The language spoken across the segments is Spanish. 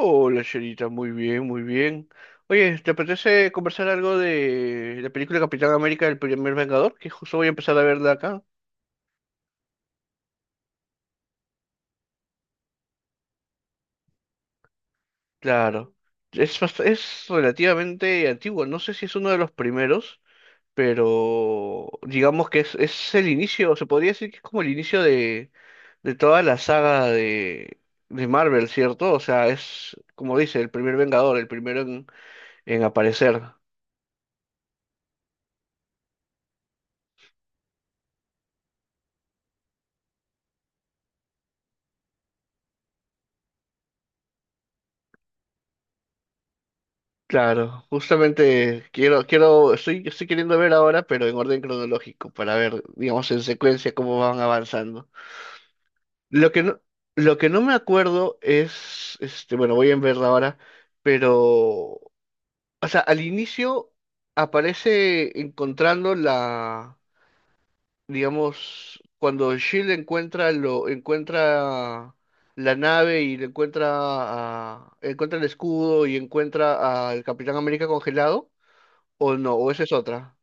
Hola, Sherita, muy bien, muy bien. Oye, ¿te apetece conversar algo de la película Capitán América, el primer Vengador? Que justo voy a empezar a verla acá. Claro, es, es relativamente antigua, no sé si es uno de los primeros, pero digamos que es el inicio, se podría decir que es como el inicio de toda la saga de Marvel, ¿cierto? O sea, es, como dice, el primer Vengador, el primero en aparecer. Claro, justamente quiero, estoy queriendo ver ahora, pero en orden cronológico, para ver, digamos, en secuencia cómo van avanzando. Lo que no, lo que no me acuerdo es, este, bueno, voy a verla ahora, pero, o sea, al inicio aparece encontrando digamos, cuando Shield encuentra encuentra la nave y le encuentra encuentra el escudo y encuentra al Capitán América congelado. O no, o esa es otra.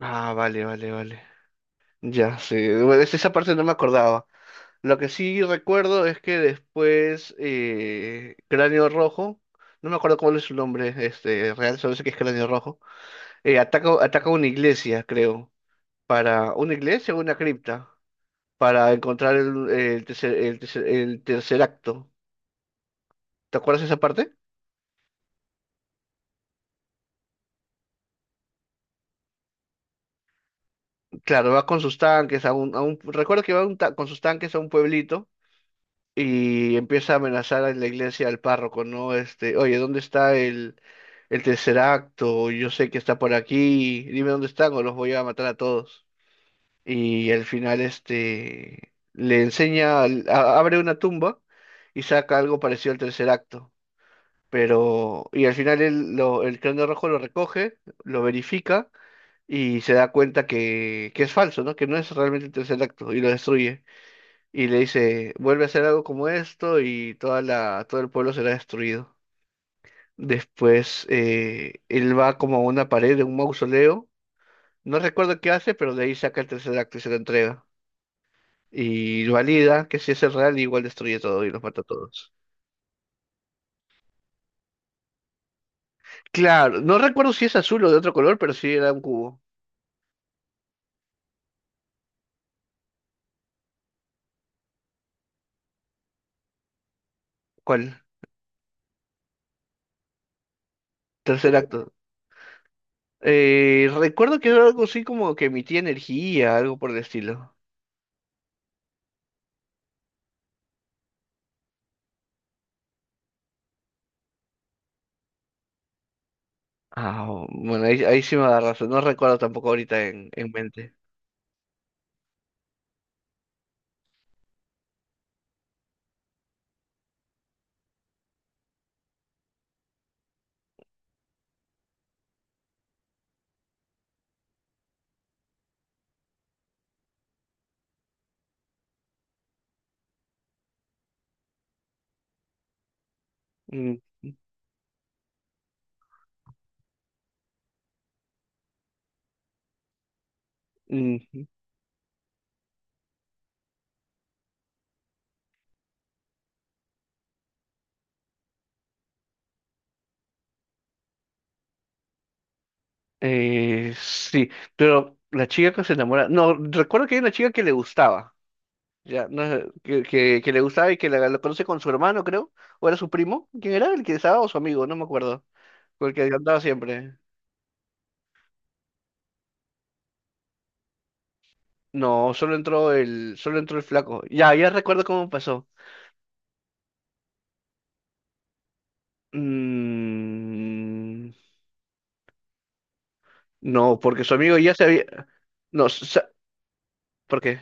Ah, vale, vale, vale. Ya, sí. Bueno, esa parte no me acordaba. Lo que sí recuerdo es que después Cráneo Rojo, no me acuerdo cuál es su nombre este, real, solo sé que es Cráneo Rojo, ataca una iglesia, creo, para una iglesia o una cripta, para encontrar el tercer acto. ¿Te acuerdas de esa parte? Claro, va con sus tanques a recuerdo que va con sus tanques a un pueblito y empieza a amenazar a la iglesia al párroco, ¿no? Este, oye, ¿dónde está el tercer acto? Yo sé que está por aquí, dime dónde están o los voy a matar a todos. Y al final, este, le enseña, abre una tumba y saca algo parecido al tercer acto. Pero, y al final el cráneo rojo lo recoge, lo verifica y se da cuenta que es falso, ¿no? Que no es realmente el tercer acto y lo destruye y le dice, vuelve a hacer algo como esto y toda todo el pueblo será destruido. Después él va como a una pared de un mausoleo, no recuerdo qué hace, pero de ahí saca el tercer acto y se lo entrega. Y valida que si es el real, igual destruye todo y los mata a todos. Claro, no recuerdo si es azul o de otro color, pero sí era un cubo. ¿Cuál? Tercer acto. Recuerdo que era algo así como que emitía energía, algo por el estilo. Ah, bueno, ahí sí me da razón. No recuerdo tampoco ahorita en mente. Mm, ujú. Sí, pero la chica que se enamora, no, recuerdo que hay una chica que le gustaba, ya, no, sé, que le gustaba y que la conoce con su hermano, creo, o era su primo, ¿quién era? El que estaba o su amigo, no me acuerdo, con el que andaba siempre. No, solo entró el flaco. Ya, ya recuerdo cómo pasó. Mm, no, porque su amigo ya se había, no, ¿por qué?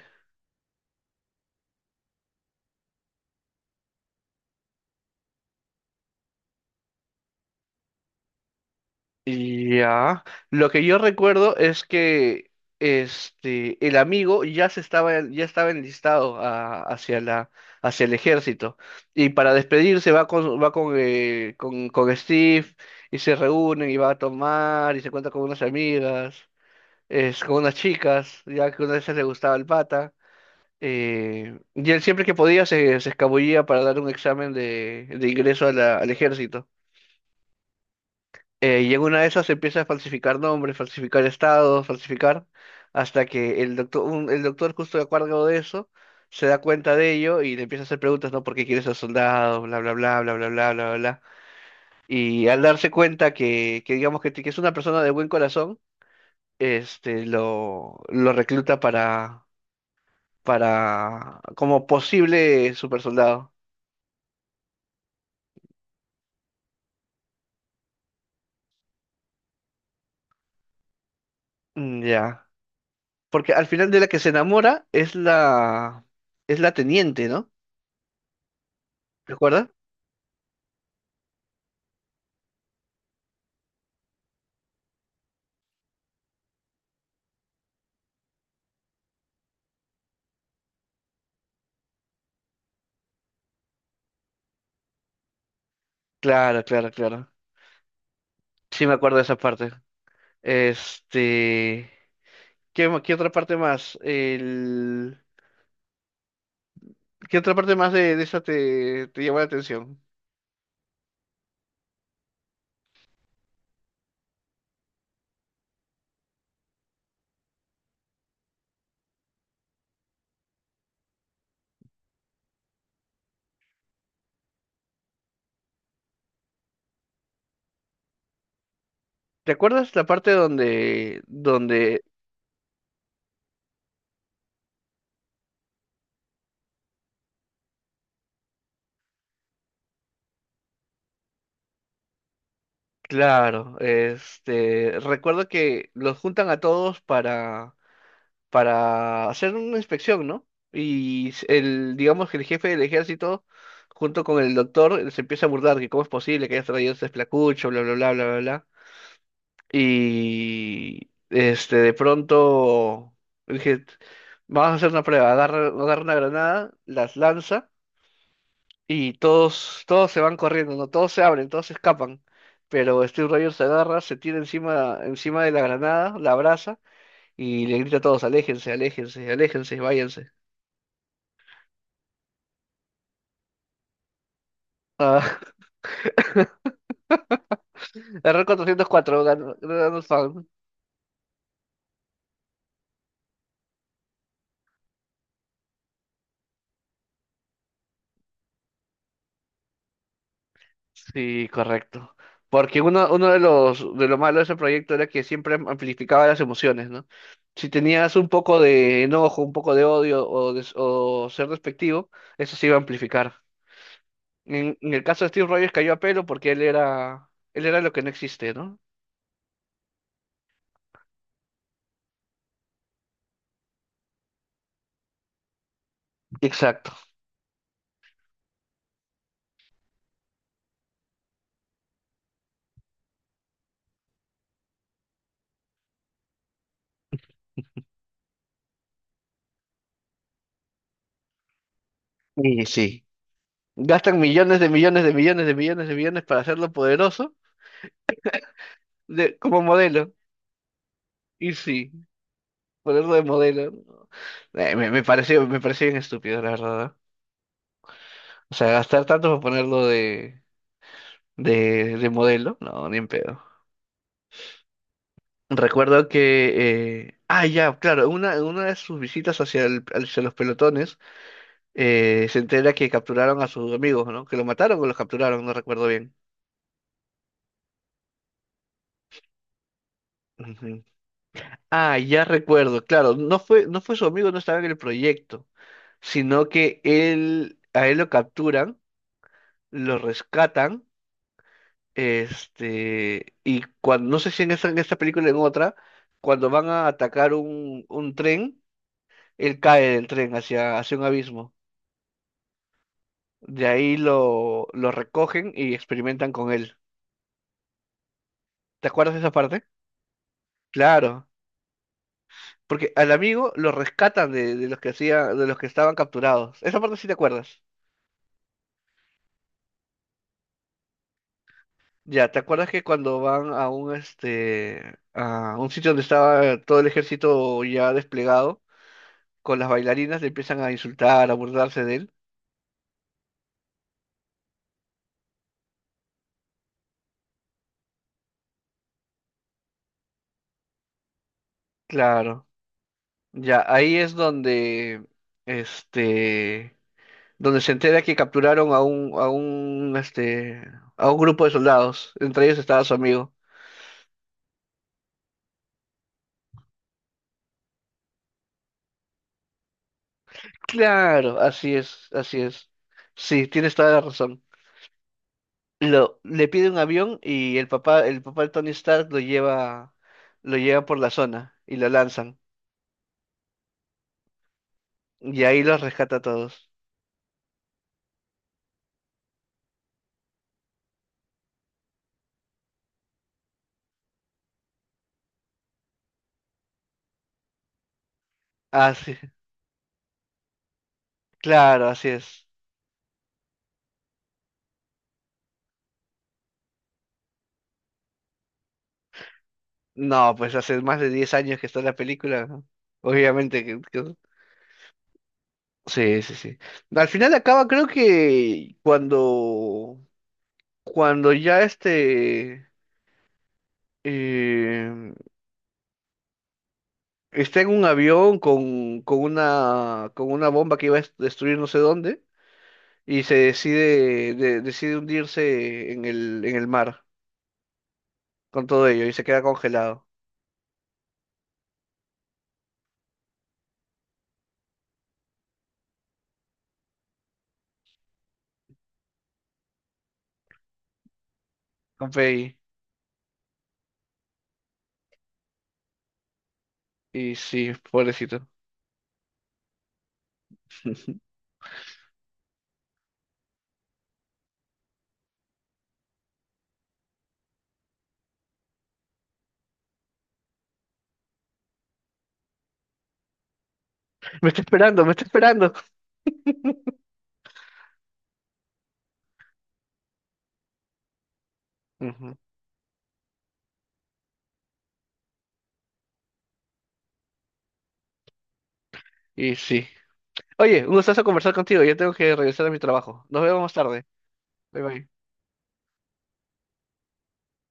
Ya, lo que yo recuerdo es que este el amigo ya se estaba ya estaba enlistado hacia la hacia el ejército y para despedirse va con, con Steve y se reúnen y va a tomar y se cuenta con unas amigas, es con unas chicas, ya que una de esas le gustaba el pata y él siempre que podía se escabullía para dar un examen de ingreso a al ejército. Y en una de esas empieza a falsificar nombres, falsificar estados, falsificar, hasta que el doctor justo de acuerdo de eso, se da cuenta de ello y le empieza a hacer preguntas, ¿no? ¿Por qué quieres ser soldado? Bla, bla, bla, bla, bla, bla, bla, bla. Y al darse cuenta que es una persona de buen corazón, lo recluta para, como posible super soldado. Mm, ya. Porque al final de la que se enamora es es la teniente, ¿no? ¿Recuerdas? Claro, claro, claro. Sí me acuerdo de esa parte. Este, ¿qué otra parte más? El, ¿qué otra parte más de esa te llamó la atención? ¿Te acuerdas la parte claro, este, recuerdo que los juntan a todos para hacer una inspección, ¿no? Y el, digamos que el jefe del ejército, junto con el doctor, se empieza a burlar que cómo es posible que hayas traído ese esplacucho, bla, bla, bla, bla, bla. Y este, de pronto dije, vamos a hacer una prueba, agarra una granada, las lanza y todos se van corriendo, ¿no? Todos se abren, todos se escapan. Pero Steve Rogers se agarra, se tira encima, encima de la granada, la abraza y le grita a todos, aléjense, aléjense, aléjense, váyanse. Ah, error 404, ganó, ganó el fan. Sí, correcto. Porque uno de los de lo malo de ese proyecto era que siempre amplificaba las emociones, ¿no? Si tenías un poco de enojo, un poco de odio o, o ser despectivo, eso se iba a amplificar. En el caso de Steve Rogers cayó a pelo porque él era lo que no existe, ¿no? Exacto. Y sí. Gastan millones de millones de millones de millones de millones para hacerlo poderoso de, como modelo. Y sí, ponerlo de modelo, ¿no? Me pareció bien estúpido, la verdad. O sea, gastar tanto para ponerlo de modelo, no, ni en pedo. Recuerdo que, ah, ya, claro, en una de sus visitas hacia, hacia los pelotones, se entera que capturaron a sus amigos, ¿no? Que lo mataron o los capturaron, no recuerdo bien. Ujú. Ah, ya recuerdo, claro, no fue su amigo, no estaba en el proyecto, sino que a él lo capturan, lo rescatan. Este, y cuando, no sé si en esa, en esta película o en otra, cuando van a atacar un tren, él cae del tren hacia, hacia un abismo. De ahí lo recogen y experimentan con él. ¿Te acuerdas de esa parte? Claro, porque al amigo lo rescatan de los que hacía, de los que estaban capturados. Esa parte sí te acuerdas. Ya, ¿te acuerdas que cuando van a un este a un sitio donde estaba todo el ejército ya desplegado con las bailarinas le empiezan a insultar, a burlarse de él? Claro, ya ahí es donde, este, donde se entera que capturaron a un, este, a un grupo de soldados. Entre ellos estaba su amigo. Claro, así es, así es. Sí, tienes toda la razón. Lo, le pide un avión y el papá de Tony Stark lo lleva por la zona y lo lanzan. Y ahí los rescata a todos. Ah, sí, claro, así es. No, pues hace más de 10 años que está la película, ¿no? Obviamente que... Sí, sí, sí. Al final acaba, creo que cuando, cuando ya este eh, está en un avión con una bomba que iba a destruir no sé dónde, y se decide, decide hundirse en el mar con todo ello, y se queda congelado con Peggy. Y sí, pobrecito. Me está esperando, me está esperando. Ujú. Y sí. Oye, un gustazo conversar contigo. Ya tengo que regresar a mi trabajo. Nos vemos más tarde. Bye bye.